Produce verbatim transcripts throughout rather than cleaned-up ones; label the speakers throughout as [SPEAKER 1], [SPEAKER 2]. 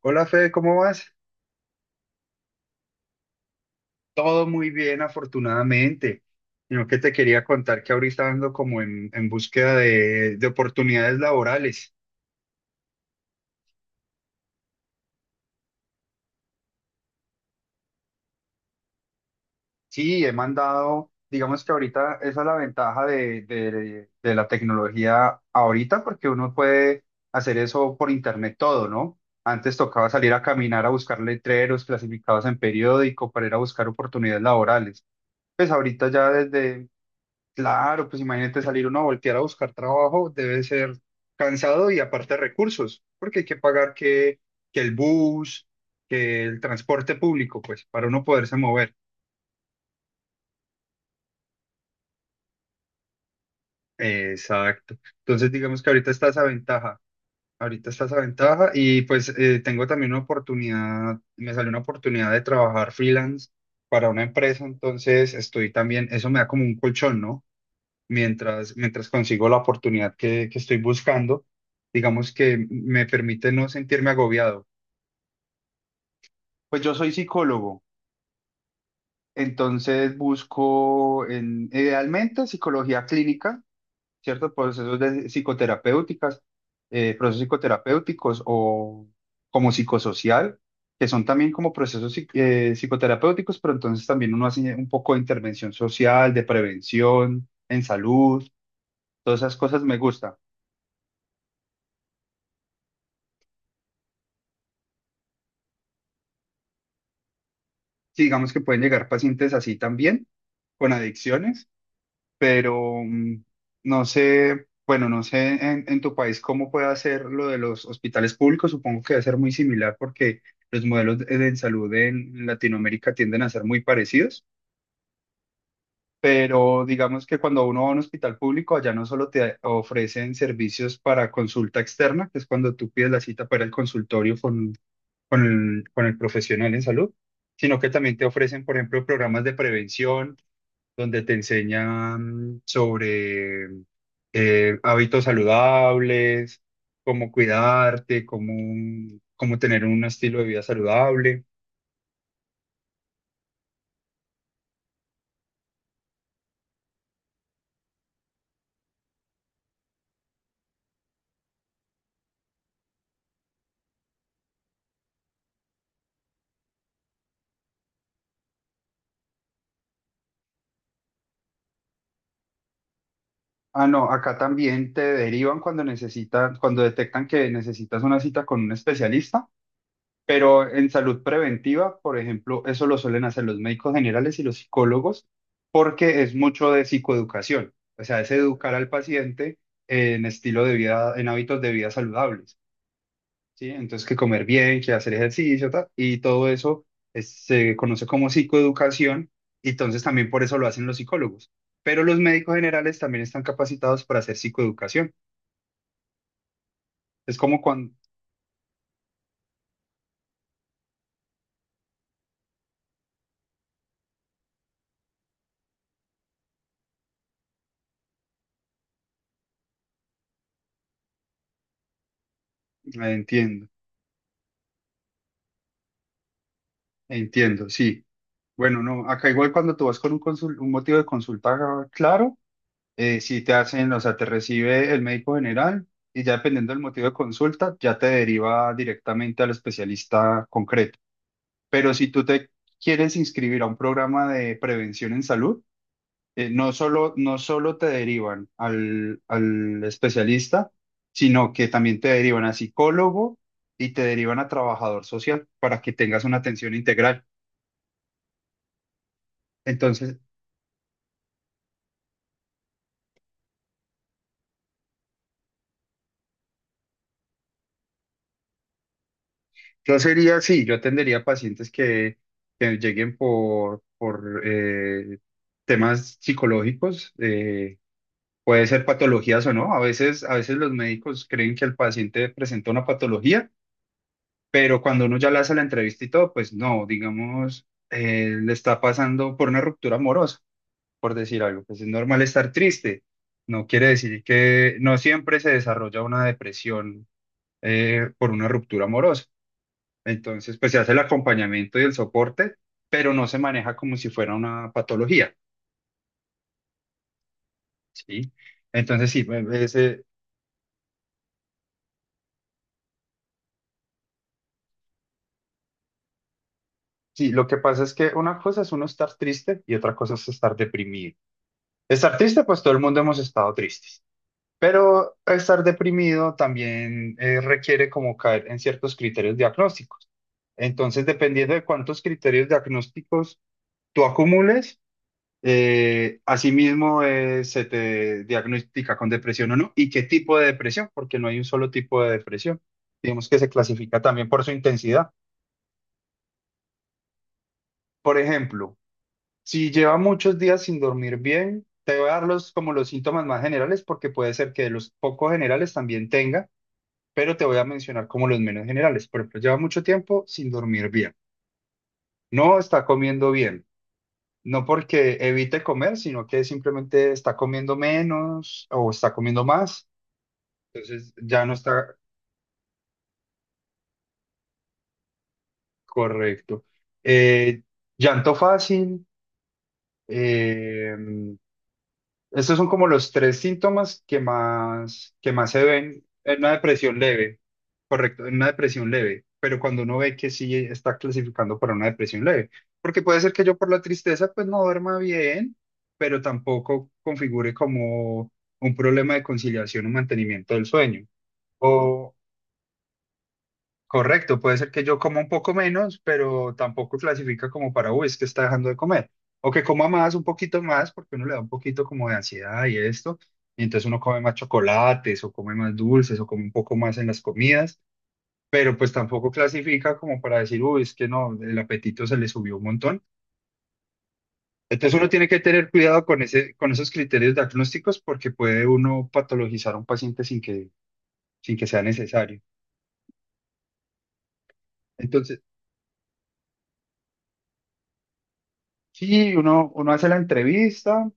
[SPEAKER 1] Hola Fede, ¿cómo vas? Todo muy bien, afortunadamente. Sino que te quería contar que ahorita ando como en, en búsqueda de, de oportunidades laborales. Sí, he mandado, digamos que ahorita esa es la ventaja de, de, de la tecnología ahorita, porque uno puede hacer eso por internet todo, ¿no? Antes tocaba salir a caminar a buscar letreros clasificados en periódico para ir a buscar oportunidades laborales. Pues ahorita ya desde, claro, pues imagínate salir uno a voltear a buscar trabajo, debe ser cansado y aparte recursos, porque hay que pagar que, que el bus, que el transporte público, pues, para uno poderse mover. Exacto. Entonces, digamos que ahorita está esa ventaja, ahorita está esa ventaja y pues eh, tengo también una oportunidad, me salió una oportunidad de trabajar freelance para una empresa, entonces estoy también, eso me da como un colchón, ¿no? mientras, mientras consigo la oportunidad que, que estoy buscando, digamos que me permite no sentirme agobiado. Pues yo soy psicólogo, entonces busco en, idealmente psicología clínica, cierto. Procesos de- psicoterapéuticas, eh, Procesos psicoterapéuticos o como psicosocial, que son también como procesos psic- eh, psicoterapéuticos, pero entonces también uno hace un poco de intervención social, de prevención en salud, todas esas cosas me gustan. Sí, digamos que pueden llegar pacientes así también, con adicciones, pero mm, no sé, bueno, no sé en, en tu país cómo puede ser lo de los hospitales públicos, supongo que debe ser muy similar porque los modelos de, de salud en Latinoamérica tienden a ser muy parecidos, pero digamos que cuando uno va a un hospital público, allá no solo te ofrecen servicios para consulta externa, que es cuando tú pides la cita para el consultorio con con el, con el profesional en salud, sino que también te ofrecen, por ejemplo, programas de prevención donde te enseñan sobre eh, hábitos saludables, cómo cuidarte, cómo, cómo tener un estilo de vida saludable. Ah, no, acá también te derivan cuando necesitan, cuando detectan que necesitas una cita con un especialista. Pero en salud preventiva, por ejemplo, eso lo suelen hacer los médicos generales y los psicólogos porque es mucho de psicoeducación. O sea, es educar al paciente en estilo de vida, en hábitos de vida saludables, ¿sí? Entonces, que comer bien, que hacer ejercicio, ta, y todo eso es- se conoce como psicoeducación y entonces también por eso lo hacen los psicólogos. Pero los médicos generales también están capacitados para hacer psicoeducación. Es como cuando... Entiendo, entiendo, sí. Bueno, no, acá igual cuando tú vas con un, consul- un motivo de consulta claro, eh, si te hacen, o sea, te recibe el médico general y ya dependiendo del motivo de consulta, ya te deriva directamente al especialista concreto. Pero si tú te quieres inscribir a un programa de prevención en salud, eh, no solo, no solo te derivan al, al especialista, sino que también te derivan a psicólogo y te derivan a trabajador social para que tengas una atención integral. Entonces, yo sería así, yo atendería pacientes que, que lleguen por, por eh, temas psicológicos, eh, puede ser patologías o no. A veces, a veces los médicos creen que el paciente presenta una patología, pero cuando uno ya le hace la entrevista y todo, pues no, digamos, eh, le está pasando por una ruptura amorosa, por decir algo. Pues es normal estar triste. No quiere decir que no siempre se desarrolla una depresión eh, por una ruptura amorosa. Entonces, pues se hace el acompañamiento y el soporte, pero no se maneja como si fuera una patología, ¿sí? Entonces, sí, me- me- ese- sí, lo que pasa es que una cosa es uno estar triste y otra cosa es estar deprimido. Estar triste, pues todo el mundo hemos estado tristes, pero estar deprimido también eh, requiere como caer en ciertos criterios diagnósticos. Entonces, dependiendo de cuántos criterios diagnósticos tú acumules, Eh, asimismo, eh, se te diagnostica con depresión o no, y qué tipo de depresión, porque no hay un solo tipo de depresión. Digamos que se clasifica también por su intensidad. Por ejemplo, si lleva muchos días sin dormir bien, te voy a dar los, como los síntomas más generales, porque puede ser que de los poco generales también tenga, pero te voy a mencionar como los menos generales. Por ejemplo, lleva mucho tiempo sin dormir bien, no está comiendo bien. No porque evite comer, sino que simplemente está comiendo menos o está comiendo más. Entonces ya no está correcto. Eh, llanto fácil. eh, Estos son como los tres síntomas que más, que más se ven en una depresión leve. Correcto, en una depresión leve. Pero cuando uno ve que sí está clasificando para una depresión leve. Porque puede ser que yo por la tristeza pues no duerma bien, pero tampoco configure como un problema de conciliación o mantenimiento del sueño. O correcto, puede ser que yo coma un poco menos, pero tampoco clasifica como para, uy, es que está dejando de comer. O que coma más, un poquito más, porque uno le da un poquito como de ansiedad y esto. Y entonces uno come más chocolates o come más dulces o come un poco más en las comidas, pero pues tampoco clasifica como para decir, uy, es que no, el apetito se le subió un montón. Entonces uno tiene que tener cuidado con ese, con esos criterios diagnósticos porque puede uno patologizar a un paciente sin que, sin que sea necesario. Entonces, sí, uno, uno hace la entrevista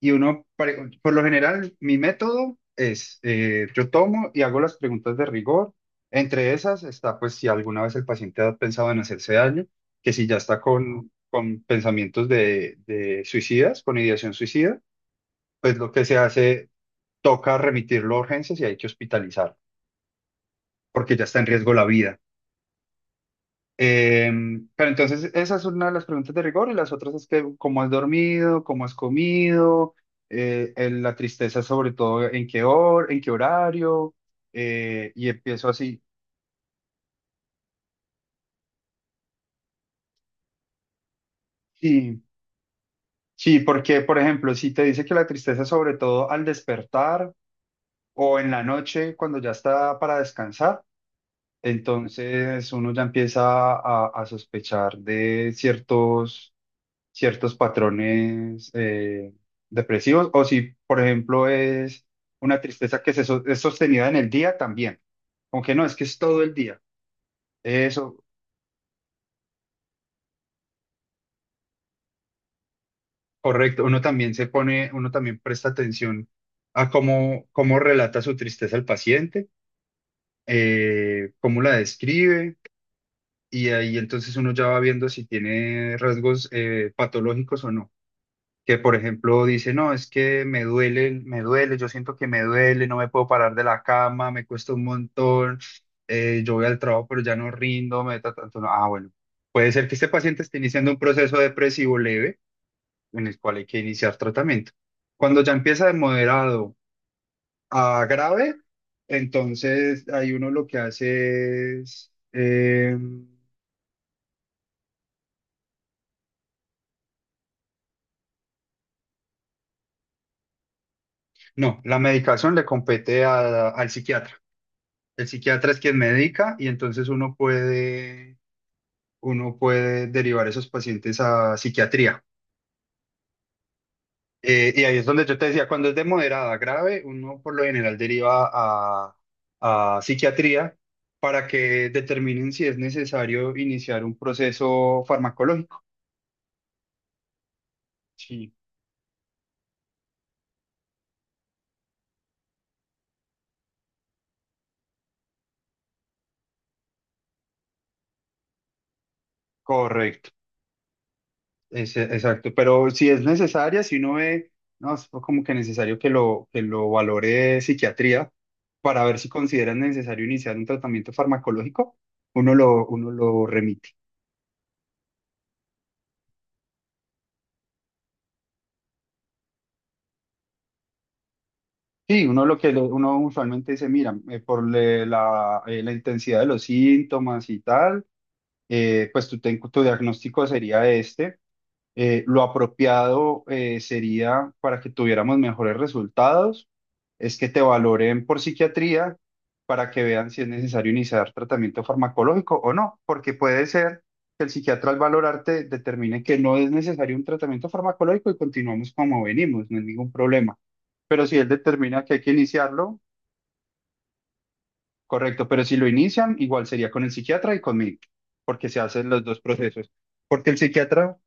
[SPEAKER 1] y uno, pre- por lo general, mi método es, eh, yo tomo y hago las preguntas de rigor. Entre esas está, pues, si alguna vez el paciente ha pensado en hacerse daño, que si ya está con, con pensamientos de, de suicidas, con ideación suicida, pues lo que se hace, toca remitirlo a urgencias y hay que hospitalizar porque ya está en riesgo la vida. Eh, pero entonces esa es una de las preguntas de rigor y las otras es que cómo has dormido, cómo has comido, eh, el- la tristeza sobre todo en qué hora, en qué horario, eh, y empiezo así. Sí, sí, porque por ejemplo, si te dice que la tristeza sobre todo al despertar o en la noche cuando ya está para descansar, entonces uno ya empieza a, a sospechar de ciertos ciertos patrones eh, depresivos o si, por ejemplo, es una tristeza que se so- es sostenida en el día también. Aunque no, es que es todo el día. Eso, correcto. Uno también se pone, uno también presta atención a cómo, cómo relata su tristeza el paciente, eh, cómo la describe, y ahí entonces uno ya va viendo si tiene rasgos eh, patológicos o no. Que por ejemplo dice, no, es que me duele, me duele, yo siento que me duele, no me puedo parar de la cama, me cuesta un montón, eh, yo voy al trabajo pero ya no rindo, me da tanto, no. Ah, bueno, puede ser que este paciente esté iniciando un proceso depresivo leve en el cual hay que iniciar tratamiento. Cuando ya empieza de moderado a grave, entonces ahí uno lo que hace es, eh, no, la medicación le compete a- al psiquiatra. El psiquiatra es quien medica y entonces uno puede, uno puede derivar esos pacientes a psiquiatría. Eh, y ahí es donde yo te decía, cuando es de moderada a grave, uno por lo general deriva a, a psiquiatría para que determinen si es necesario iniciar un proceso farmacológico. Sí, correcto. Es- e, exacto, pero si es necesaria, si uno ve, no, es como que necesario que lo, que lo valore psiquiatría para ver si consideran necesario iniciar un tratamiento farmacológico, uno lo, uno lo remite. Sí, uno lo que lo- uno usualmente dice, mira, eh, por le- la, eh, la intensidad de los síntomas y tal, eh, pues tu, ten- tu diagnóstico sería este. Eh, lo apropiado eh, sería para que tuviéramos mejores resultados, es que te valoren por psiquiatría para que vean si es necesario iniciar tratamiento farmacológico o no, porque puede ser que el psiquiatra al valorarte determine que no es necesario un tratamiento farmacológico y continuamos como venimos, no hay ningún problema. Pero si él determina que hay que iniciarlo, correcto, pero si lo inician, igual sería con el psiquiatra y conmigo, porque se hacen los dos procesos. Porque el psiquiatra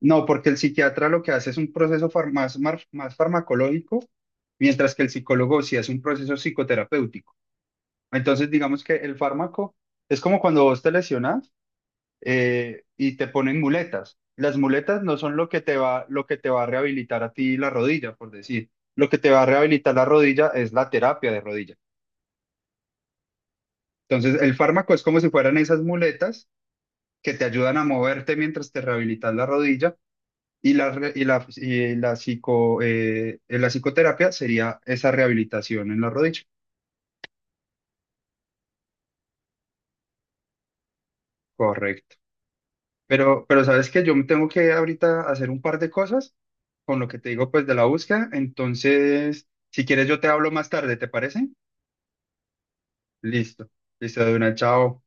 [SPEAKER 1] no, porque el psiquiatra lo que hace es un proceso far- más, mar- más farmacológico, mientras que el psicólogo sí hace un proceso psicoterapéutico. Entonces, digamos que el fármaco es como cuando vos te lesionas eh, y te ponen muletas. Las muletas no son lo que te va, lo que te va a rehabilitar a ti la rodilla, por decir. Lo que te va a rehabilitar la rodilla es la terapia de rodilla. Entonces, el fármaco es como si fueran esas muletas que te ayudan a moverte mientras te rehabilitas la rodilla. Y la, re- y la, y la, psico, eh, La psicoterapia sería esa rehabilitación en la rodilla. Correcto. Pero, pero sabes que yo tengo que ahorita hacer un par de cosas con lo que te digo pues de la búsqueda. Entonces, si quieres yo te hablo más tarde, ¿te parece? Listo. Listo, de una, chao.